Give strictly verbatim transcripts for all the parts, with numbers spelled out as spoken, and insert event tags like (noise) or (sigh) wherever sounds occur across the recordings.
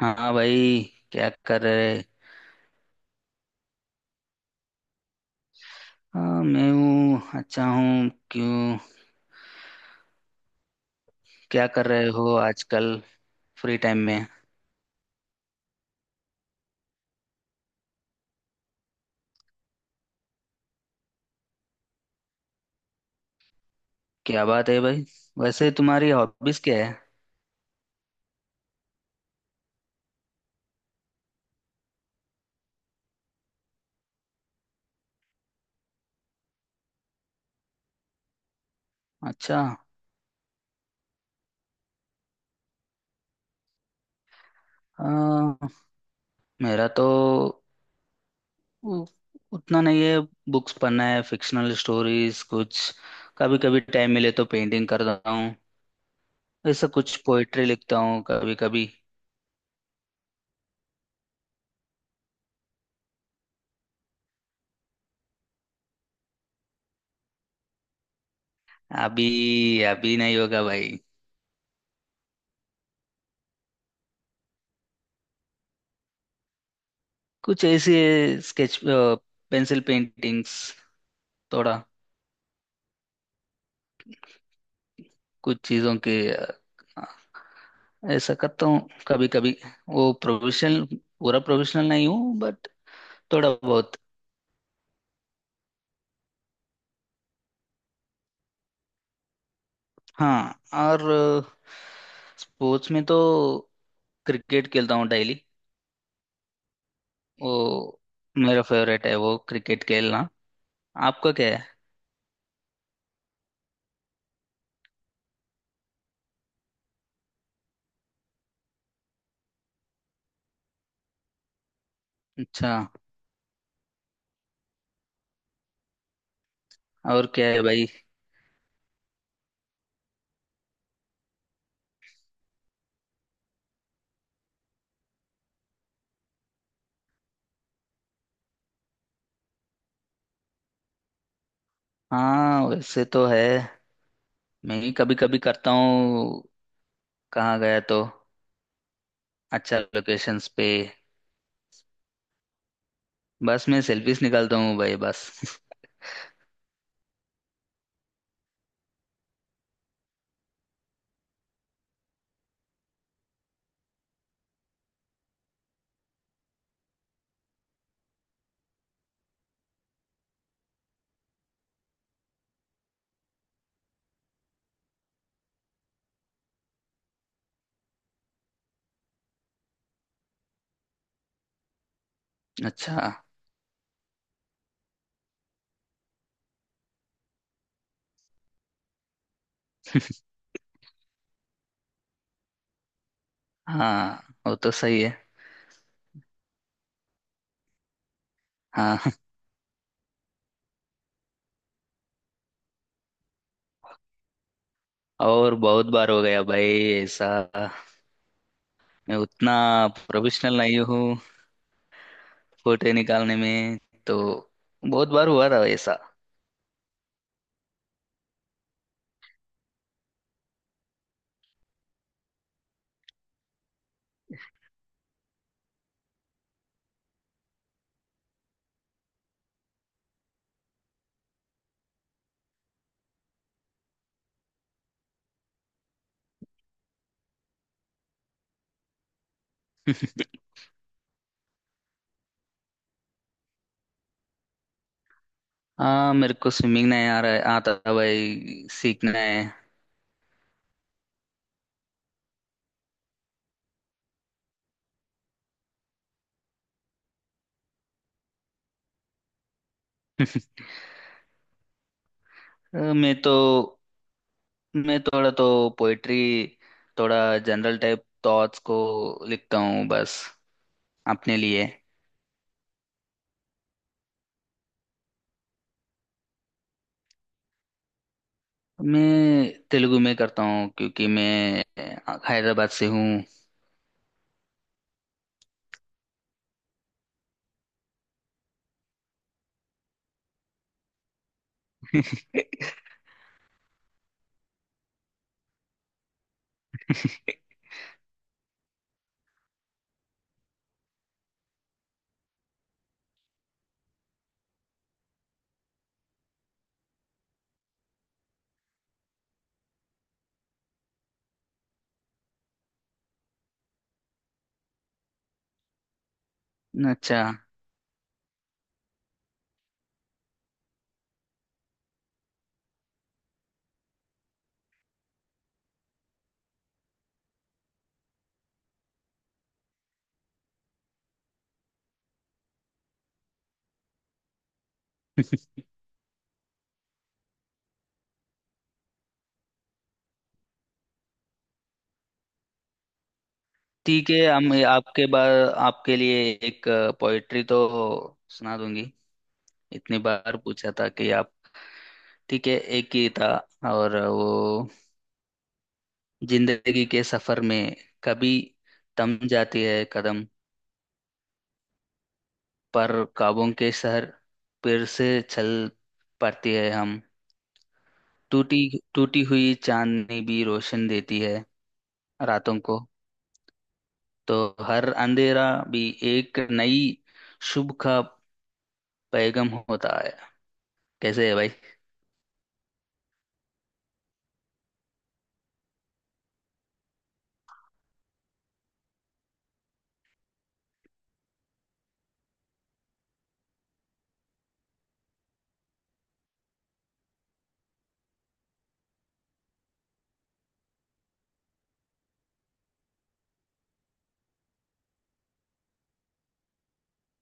हाँ भाई। क्या कर रहे। हाँ, मैं हूँ, अच्छा हूँ। क्यों। क्या कर रहे हो आजकल फ्री टाइम में। क्या बात है भाई। वैसे तुम्हारी हॉबीज क्या है। अच्छा। हाँ, मेरा तो उ- उतना नहीं है। बुक्स पढ़ना है, फिक्शनल स्टोरीज कुछ। कभी कभी टाइम मिले तो पेंटिंग करता हूँ। ऐसा कुछ पोइट्री लिखता हूँ कभी कभी। अभी अभी नहीं होगा भाई। कुछ ऐसे, स्केच पेंसिल पेंटिंग्स थोड़ा। कुछ चीज़ों के अ, ऐसा करता हूँ कभी कभी। वो प्रोफेशनल, पूरा प्रोफेशनल नहीं हूँ बट थोड़ा बहुत। हाँ, और स्पोर्ट्स में तो क्रिकेट खेलता हूँ डेली वो। मेरा फेवरेट है वो क्रिकेट खेलना। आपका क्या है। अच्छा। और क्या है भाई। हाँ, वैसे तो है। मैं भी कभी कभी करता हूँ। कहाँ गया तो अच्छा लोकेशंस पे। बस मैं सेल्फीज निकालता हूँ भाई, बस। (laughs) अच्छा। हाँ, वो तो सही है। हाँ। (laughs) और बहुत बार हो गया भाई ऐसा। मैं उतना प्रोफेशनल नहीं हूँ फोटो निकालने में, तो बहुत बार हुआ था ऐसा। हाँ, मेरे को स्विमिंग नहीं आ रहा है, आता था भाई, सीखना है। (laughs) मैं तो, मैं थोड़ा तो पोइट्री, थोड़ा जनरल टाइप थॉट्स को लिखता हूँ बस, अपने लिए। मैं तेलुगु में करता हूँ क्योंकि मैं हैदराबाद से हूँ। (laughs) अच्छा। (laughs) ठीक है, हम आपके बार, आपके लिए एक पोइट्री तो सुना दूंगी। इतनी बार पूछा था कि आप। ठीक है, एक ही था, और वो, जिंदगी के सफर में कभी थम जाती है कदम, पर ख्वाबों के शहर फिर से चल पड़ती है हम। टूटी, टूटी हुई चांदनी भी रोशन देती है रातों को। तो हर अंधेरा भी एक नई शुभ का पैगाम होता है। कैसे है भाई।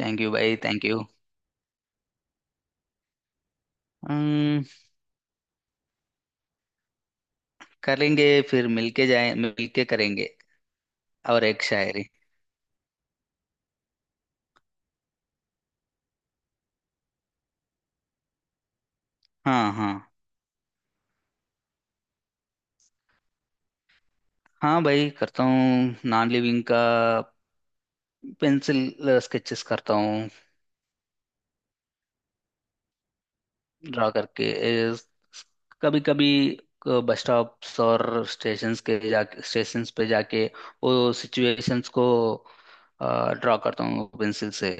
थैंक यू भाई, थैंक यू। अम्म, करेंगे, फिर मिलके जाए, मिलके करेंगे। और एक शायरी। हाँ, हाँ। हाँ भाई, करता हूँ नॉन लिविंग का पेंसिल स्केचेस करता हूँ। ड्रा करके कभी कभी बस स्टॉप्स और स्टेशंस के जा स्टेशंस पे जाके वो सिचुएशंस को ड्रा करता हूँ पेंसिल से।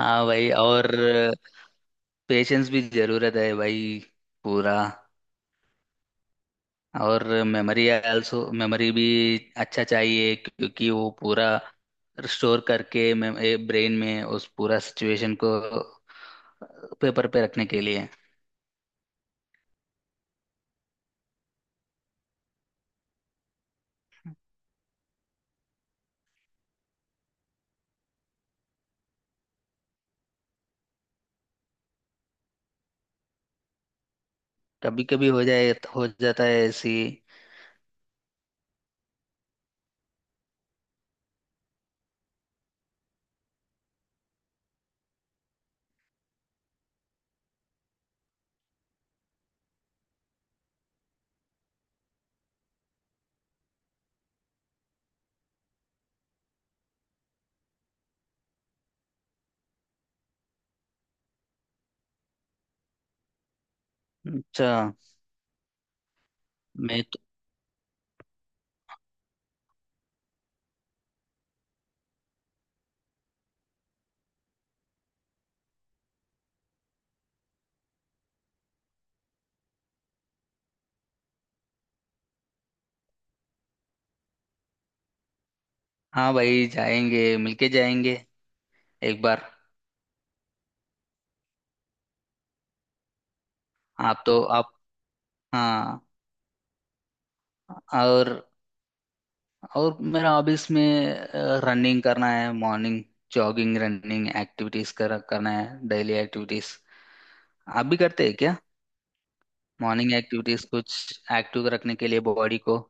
हाँ भाई, और पेशेंस भी जरूरत है भाई, पूरा। और मेमोरी आल्सो मेमोरी भी अच्छा चाहिए क्योंकि वो पूरा स्टोर करके ब्रेन में उस पूरा सिचुएशन को पेपर पे रखने के लिए। कभी कभी हो जाए, हो जाता है ऐसी। अच्छा। मैं तो। हाँ भाई, जाएंगे मिलके जाएंगे। एक बार। आप तो आप। हाँ। और और मेरा हॉबीज में रनिंग करना है, मॉर्निंग जॉगिंग रनिंग एक्टिविटीज कर करना है डेली एक्टिविटीज। आप भी करते हैं क्या। मॉर्निंग एक्टिविटीज कुछ एक्टिव रखने के लिए बॉडी को।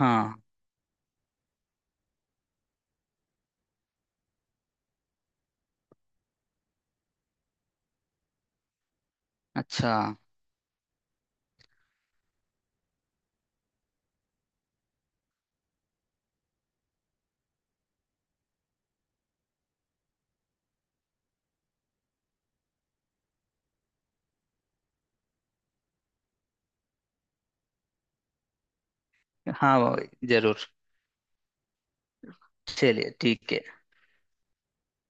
हाँ। अच्छा। हाँ, वो- जरूर। चलिए ठीक है।